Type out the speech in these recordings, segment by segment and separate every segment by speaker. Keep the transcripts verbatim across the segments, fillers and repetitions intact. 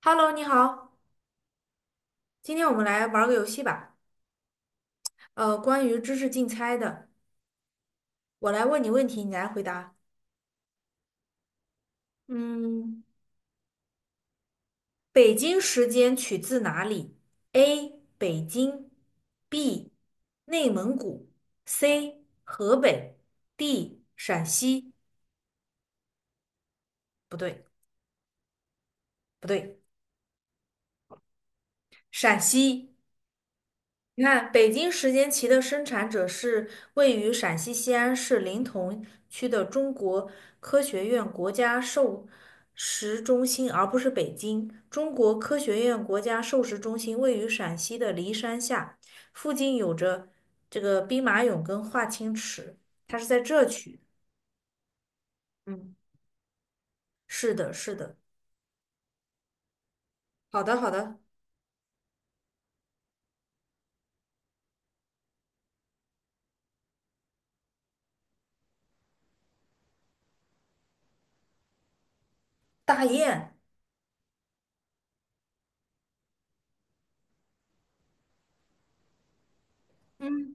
Speaker 1: Hello，你好，今天我们来玩儿个游戏吧。呃，关于知识竞猜的，我来问你问题，你来回答。嗯，北京时间取自哪里？A. 北京，B. 内蒙古，C. 河北，D. 陕西。不对，不对，陕西。你看，北京时间棋的生产者是位于陕西西安市临潼区的中国科学院国家授食中心，而不是北京。中国科学院国家授食中心位于陕西的骊山下，附近有着这个兵马俑跟华清池，它是在这区。嗯，是的，是的。好的，好的。大雁。嗯，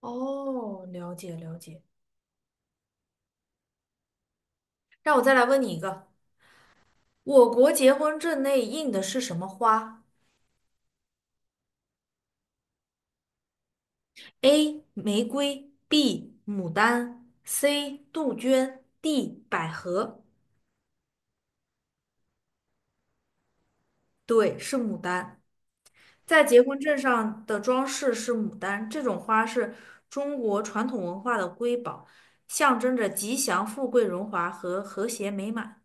Speaker 1: 哦，了解了解。让我再来问你一个。我国结婚证内印的是什么花？A. 玫瑰 B. 牡丹 C. 杜鹃 D. 百合。对，是牡丹。在结婚证上的装饰是牡丹，这种花是中国传统文化的瑰宝，象征着吉祥、富贵、荣华和和谐美满。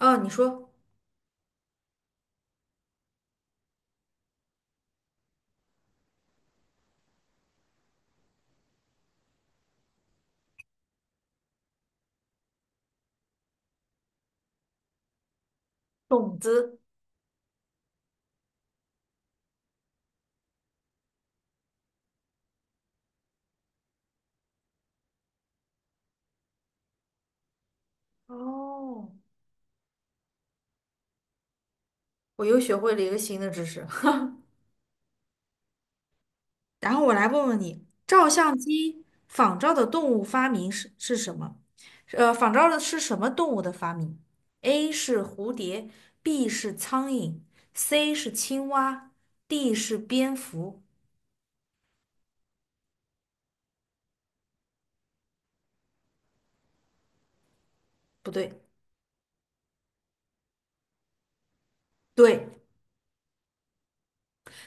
Speaker 1: 哦，你说种子。哦，我又学会了一个新的知识。然后我来问问你，照相机仿照的动物发明是是什么？呃，仿照的是什么动物的发明？A 是蝴蝶，B 是苍蝇，C 是青蛙，D 是蝙蝠。不对，对，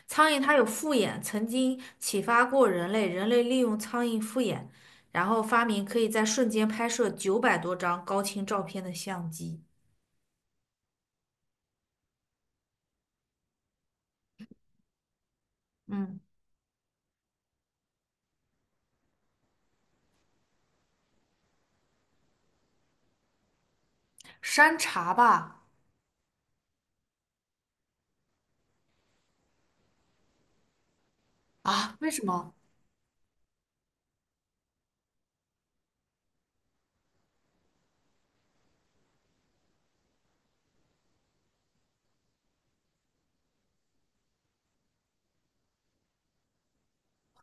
Speaker 1: 苍蝇它有复眼，曾经启发过人类，人类利用苍蝇复眼，然后发明可以在瞬间拍摄九百多张高清照片的相机。嗯，山茶吧？啊？为什么？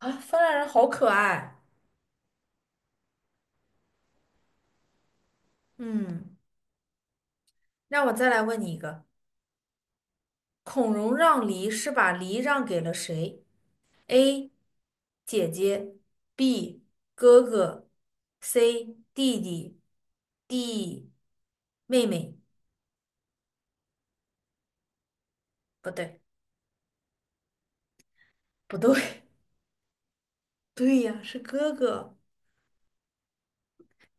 Speaker 1: 啊，芬兰人好可爱。嗯，让我再来问你一个：孔融让梨是把梨让给了谁？A. 姐姐，B. 哥哥，C. 弟弟，D. 妹妹。不对，不对，对呀，是哥哥。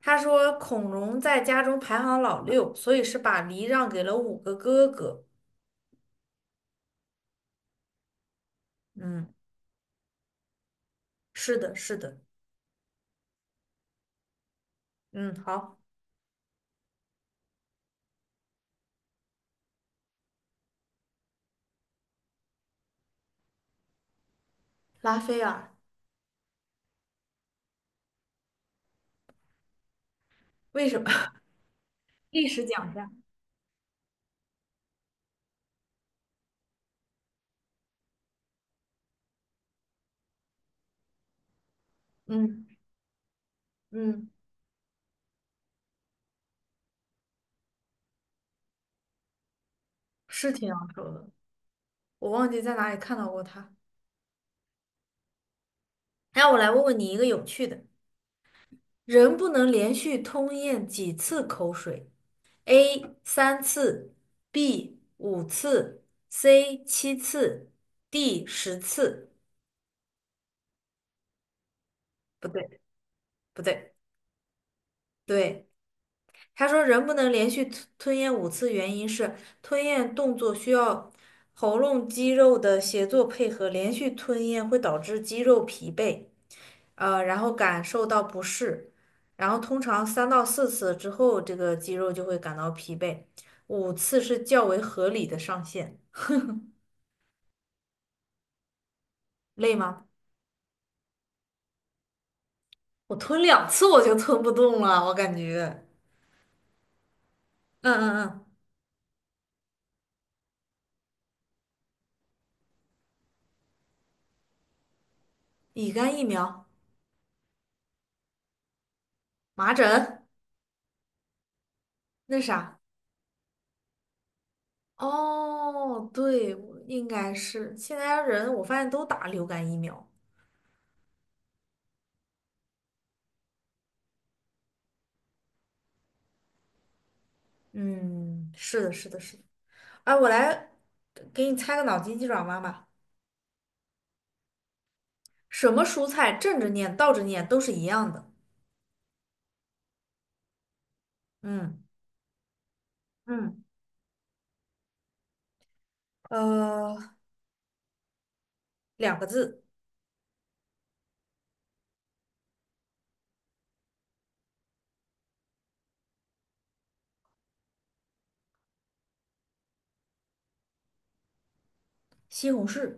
Speaker 1: 他说孔融在家中排行老六，所以是把梨让给了五个哥哥。嗯，是的，是的。嗯，好，拉斐尔，为什么？历史讲。一下。嗯嗯，是挺难受的，我忘记在哪里看到过它。那我来问问你一个有趣的：人不能连续吞咽几次口水？A 三次，B 五次，C 七次，D 十次。不对，不对，对。他说人不能连续吞吞咽五次，原因是吞咽动作需要喉咙肌肉的协作配合，连续吞咽会导致肌肉疲惫。呃，然后感受到不适，然后通常三到四次之后，这个肌肉就会感到疲惫，五次是较为合理的上限。累吗？我吞两次我就吞不动了，我感觉。嗯嗯嗯，乙肝疫苗、麻疹，那啥。哦，对，我应该是现在人我发现都打流感疫苗。嗯，是的，是的，是的。哎，我来给你猜个脑筋急转弯吧。什么蔬菜正着念、倒着念都是一样的。嗯嗯，呃，两个字，西红柿。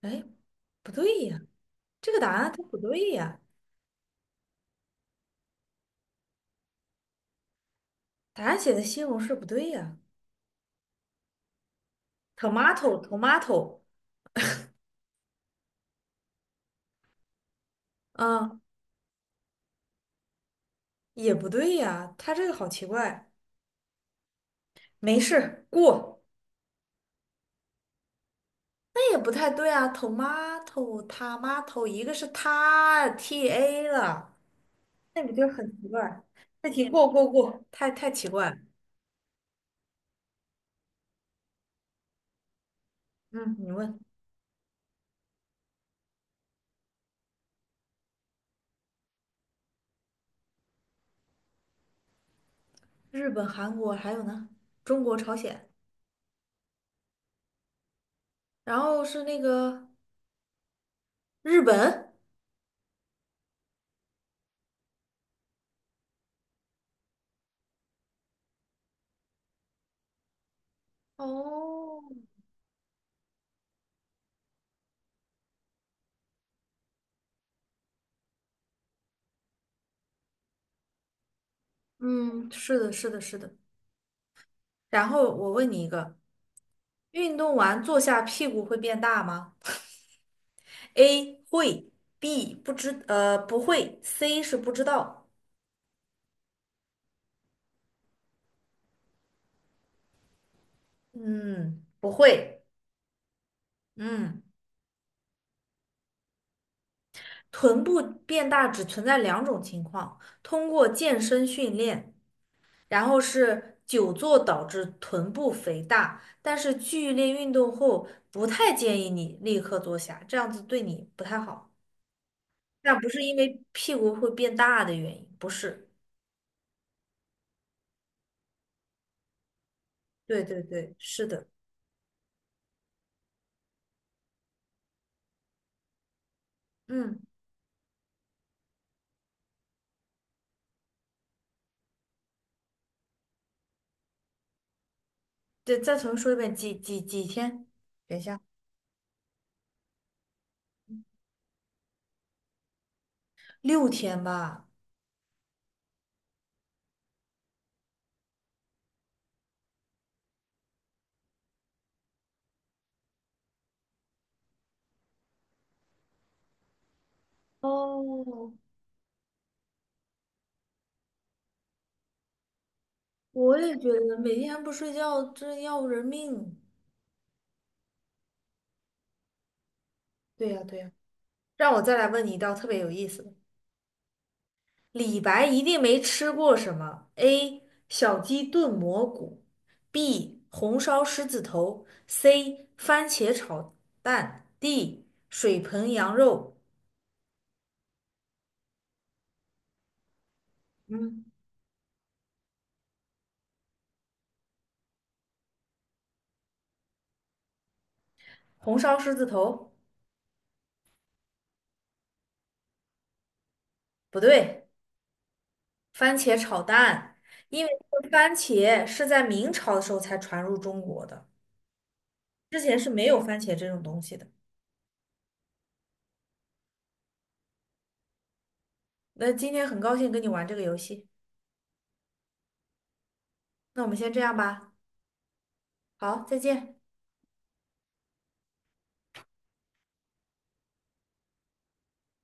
Speaker 1: 哎，不对呀，这个答案它不对呀，答案写的西红柿不对呀。tomato tomato，啊，也不对呀，它这个好奇怪。没事，过。那也不太对啊，tomato tomato，一个是它 t a 了，那不就是很奇怪？这题过过过，太太奇怪了。嗯，你问。日本、韩国还有呢，中国、朝鲜，然后是那个日本。哦，嗯，是的，是的，是的。然后我问你一个，运动完坐下屁股会变大吗？A 会，B 不知，呃，不会，C 是不知道。嗯，不会。嗯，臀部变大只存在两种情况，通过健身训练然后是久坐导致臀部肥大，但是剧烈运动后不太建议你立刻坐下，这样子对你不太好。但不是因为屁股会变大的原因，不是。对对对，是的，嗯，对，再重新说一遍，几几几天？等一下，六天吧。哦，我也觉得每天不睡觉真要人命。对呀对呀，让我再来问你一道特别有意思的。李白一定没吃过什么：A. 小鸡炖蘑菇，B. 红烧狮子头，C. 番茄炒蛋，D. 水盆羊肉。嗯，红烧狮子头不对，番茄炒蛋，因为这个番茄是在明朝的时候才传入中国的，之前是没有番茄这种东西的。那今天很高兴跟你玩这个游戏，那我们先这样吧，好，再见。